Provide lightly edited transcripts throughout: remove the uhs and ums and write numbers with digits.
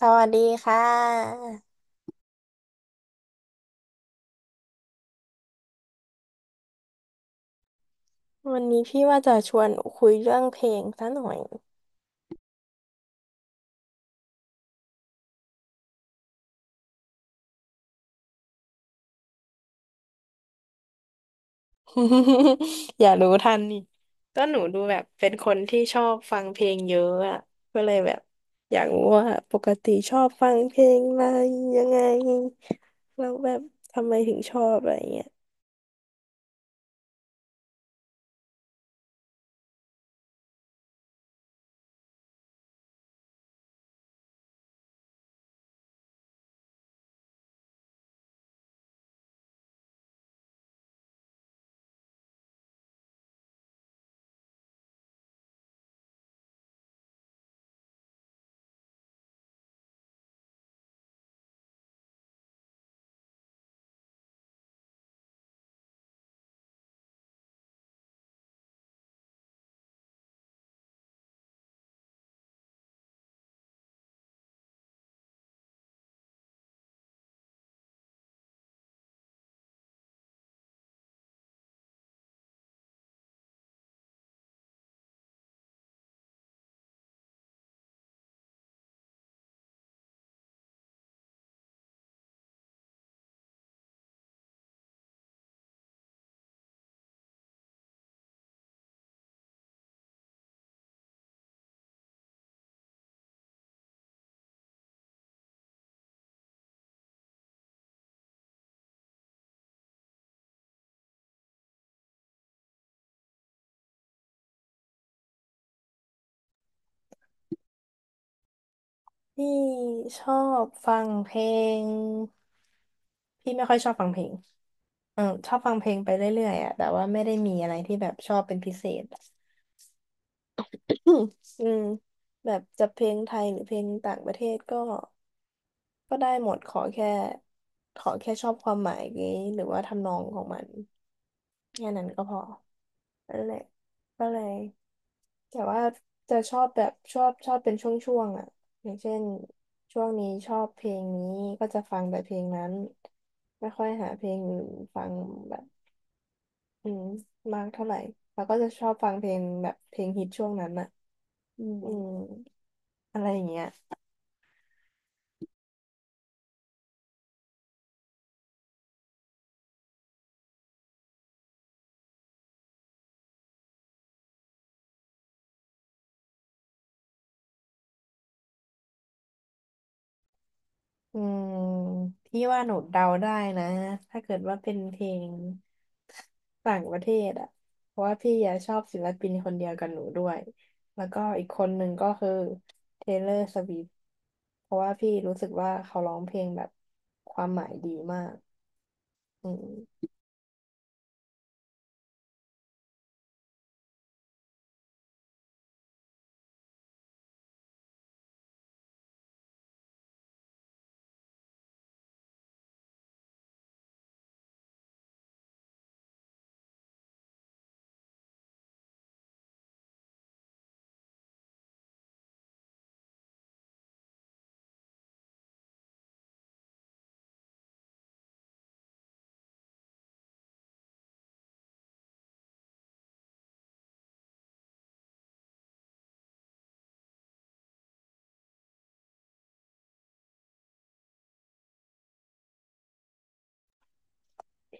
สวัสดีค่ะวันนี้พี่ว่าจะชวนคุยเรื่องเพลงซะหน่อย อย่ารู้ทันนี่ก็หนูดูแบบเป็นคนที่ชอบฟังเพลงเยอะอ่ะก็เลยแบบอยากรู้ว่าปกติชอบฟังเพลงอะไรยังไงแล้วแบบทำไมถึงชอบอะไรเงี้ยพี่ชอบฟังเพลงพี่ไม่ค่อยชอบฟังเพลงเออชอบฟังเพลงไปเรื่อยๆอ่ะแต่ว่าไม่ได้มีอะไรที่แบบชอบเป็นพิเศษ อืมอืมแบบจะเพลงไทยหรือเพลงต่างประเทศก็ก็ได้หมดขอแค่ขอแค่ชอบความหมายนี้หรือว่าทำนองของมันแค่นั้นก็พอนั่นแหละก็เลยแต่ว่าจะชอบแบบชอบชอบเป็นช่วงๆอ่ะอย่างเช่นช่วงนี้ชอบเพลงนี้ก็จะฟังแต่เพลงนั้นไม่ค่อยหาเพลงอื่นฟังแบบอืมมากเท่าไหร่แล้วก็จะชอบฟังเพลงแบบเพลงฮิตช่วงนั้นอ่ะอืมอืมอะไรอย่างเงี้ย อืมพี่ว่าหนูเดาได้นะถ้าเกิดว่าเป็นเพลงต่างประเทศอ่ะเพราะว่าพี่อะชอบศิลปินคนเดียวกับหนูด้วยแล้วก็อีกคนหนึ่งก็คือ Taylor Swift เพราะว่าพี่รู้สึกว่าเขาร้องเพลงแบบความหมายดีมากอืม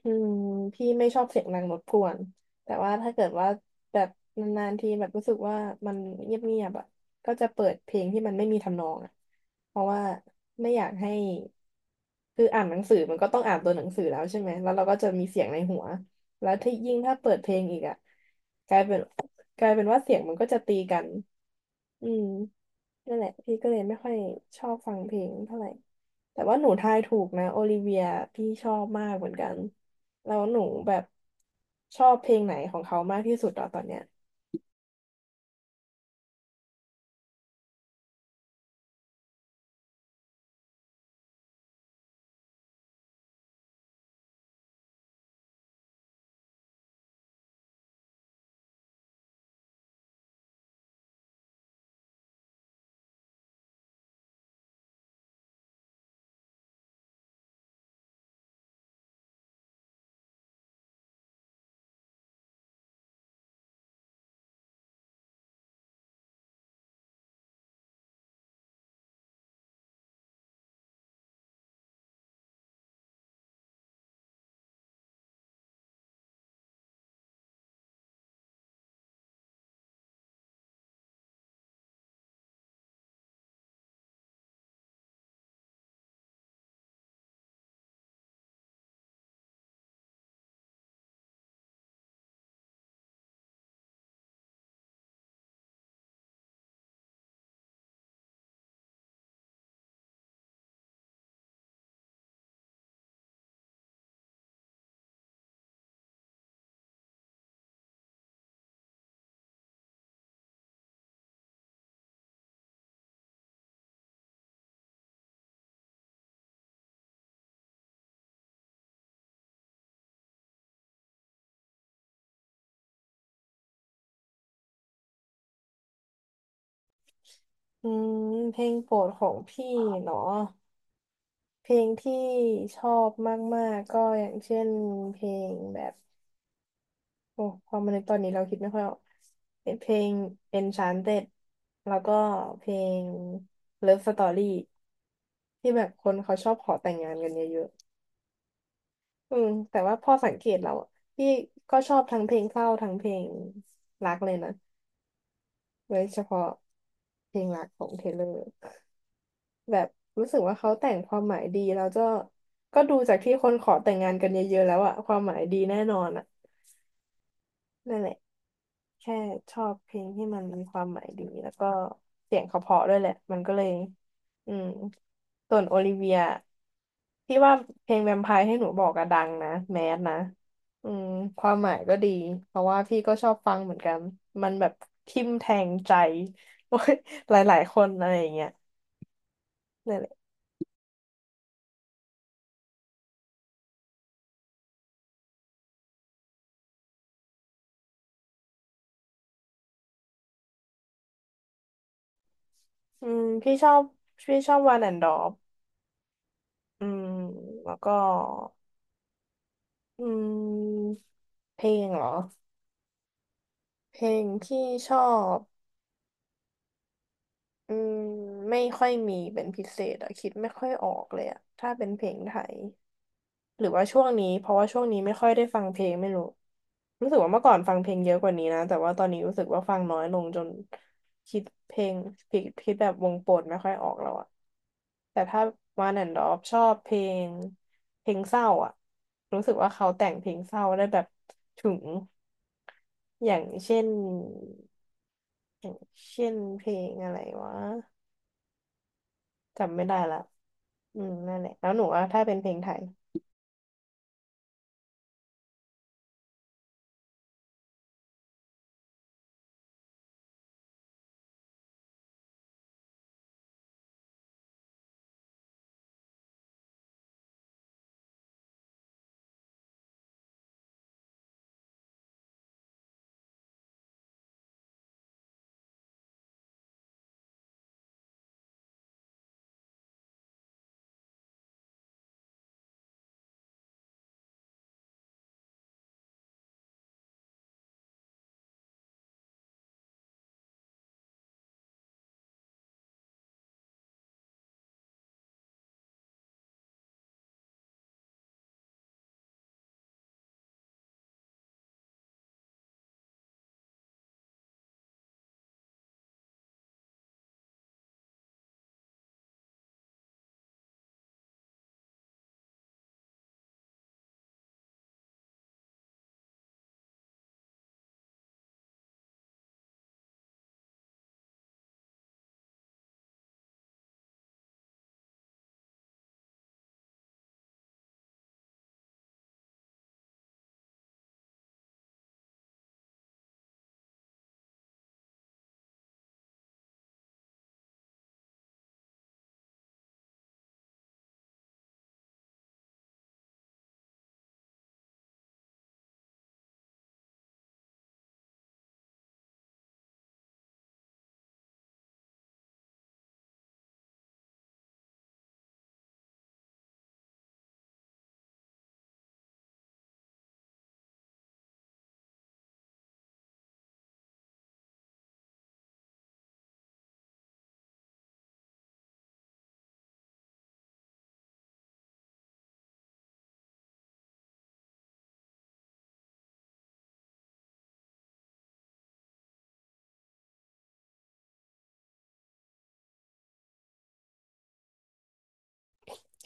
อืมพี่ไม่ชอบเสียงดังรบกวนแต่ว่าถ้าเกิดว่าแบบนานๆทีแบบรู้สึกว่ามันเงียบๆอ่ะก็จะเปิดเพลงที่มันไม่มีทำนองอ่ะเพราะว่าไม่อยากให้ คืออ่านหนังสือมันก็ต้องอ่านตัวหนังสือแล้วใช่ไหมแล้วเราก็จะมีเสียงในหัวแล้วที่ยิ่งถ้าเปิดเพลงอีกอ่ะ กลายเป็นว่าเสียงมันก็จะตีกัน อืมนั่นแหละพี่ก็เลยไม่ค่อยชอบฟังเพลงเท่าไหร่แต่ว่าหนูทายถูกนะโอลิเวียพี่ชอบมากเหมือนกันแล้วหนูแบบชอบเพลงไหนของเขามากที่สุดเ่อตอนเนี้ยอืมเพลงโปรดของพี่เนาะเพลงที่ชอบมากๆก็อย่างเช่นเพลงแบบ โอ้พอมาในกตอนนี้เราคิดไม่ค่อยออกเป็นเพลง Enchanted แล้วก็เพลง Love Story ที่แบบคนเขาชอบขอแต่งงานกันเยอะๆอืมแต่ว่าพอสังเกตเราอะพี่ก็ชอบทั้งเพลงเศร้าทั้งเพลงรักเลยนะโดยเฉพาะเพลงรักของเทเลอร์แบบรู้สึกว่าเขาแต่งความหมายดีแล้วก็ก็ดูจากที่คนขอแต่งงานกันเยอะๆแล้วอะความหมายดีแน่นอนอะนั่นแหละ แค่ชอบเพลงที่มันมีความหมายดีแล้วก็เสียงเขาเพราะด้วยแหละมันก็เลยอืมส่วนโอลิเวียพี่ว่าเพลงแวมไพร์ให้หนูบอกอะดังนะแมสนะอืมความหมายก็ดีเพราะว่าพี่ก็ชอบฟังเหมือนกันมันแบบทิ่มแทงใจ โอ้ยหลายๆคนอะไรอย่างเงี้ยนั่นแหละอืมพี่ชอบวานแอนดอฟอืมแล้วก็อืมเพลงเหรอเพลงที่ชอบ อืมไม่ค่อยมีเป็นพิเศษอะคิดไม่ค่อยออกเลยอะถ้าเป็นเพลงไทยหรือว่าช่วงนี้เพราะว่าช่วงนี้ไม่ค่อยได้ฟังเพลงไม่รู้รู้สึกว่าเมื่อก่อนฟังเพลงเยอะกว่านี้นะแต่ว่าตอนนี้รู้สึกว่าฟังน้อยลงจนคิดเพลงคิดแบบวงโปรดไม่ค่อยออกแล้วอะแต่ถ้าวันแอนด์ดอฟชอบเพลงเพลงเศร้าอะรู้สึกว่าเขาแต่งเพลงเศร้าได้แบบถึงอย่างเช่นอย่างเพลงอะไรวะจำไม่ได้ละ อืมนั่นแหละแล้วหนูว่าถ้าเป็นเพลงไทย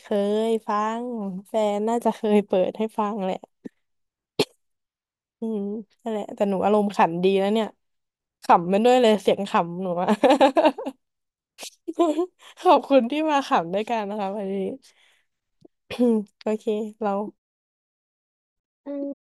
เคยฟังแฟนน่าจะเคยเปิดให้ฟังแหละอืมนั่นแหละแต่หนูอารมณ์ขันดีแล้วเนี่ยขำมันด้วยเลยเสียงขำหนูอะ ขอบคุณที่มาขำด้วยกันนะคะวันนี้ โอเคเราอืม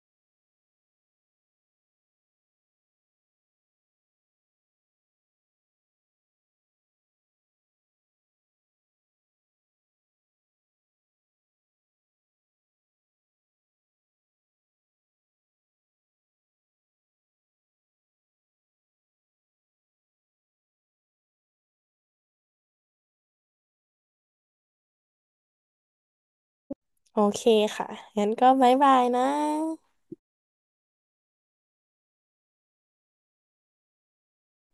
โอเคค่ะงั้นก็บ๊ายบายนะ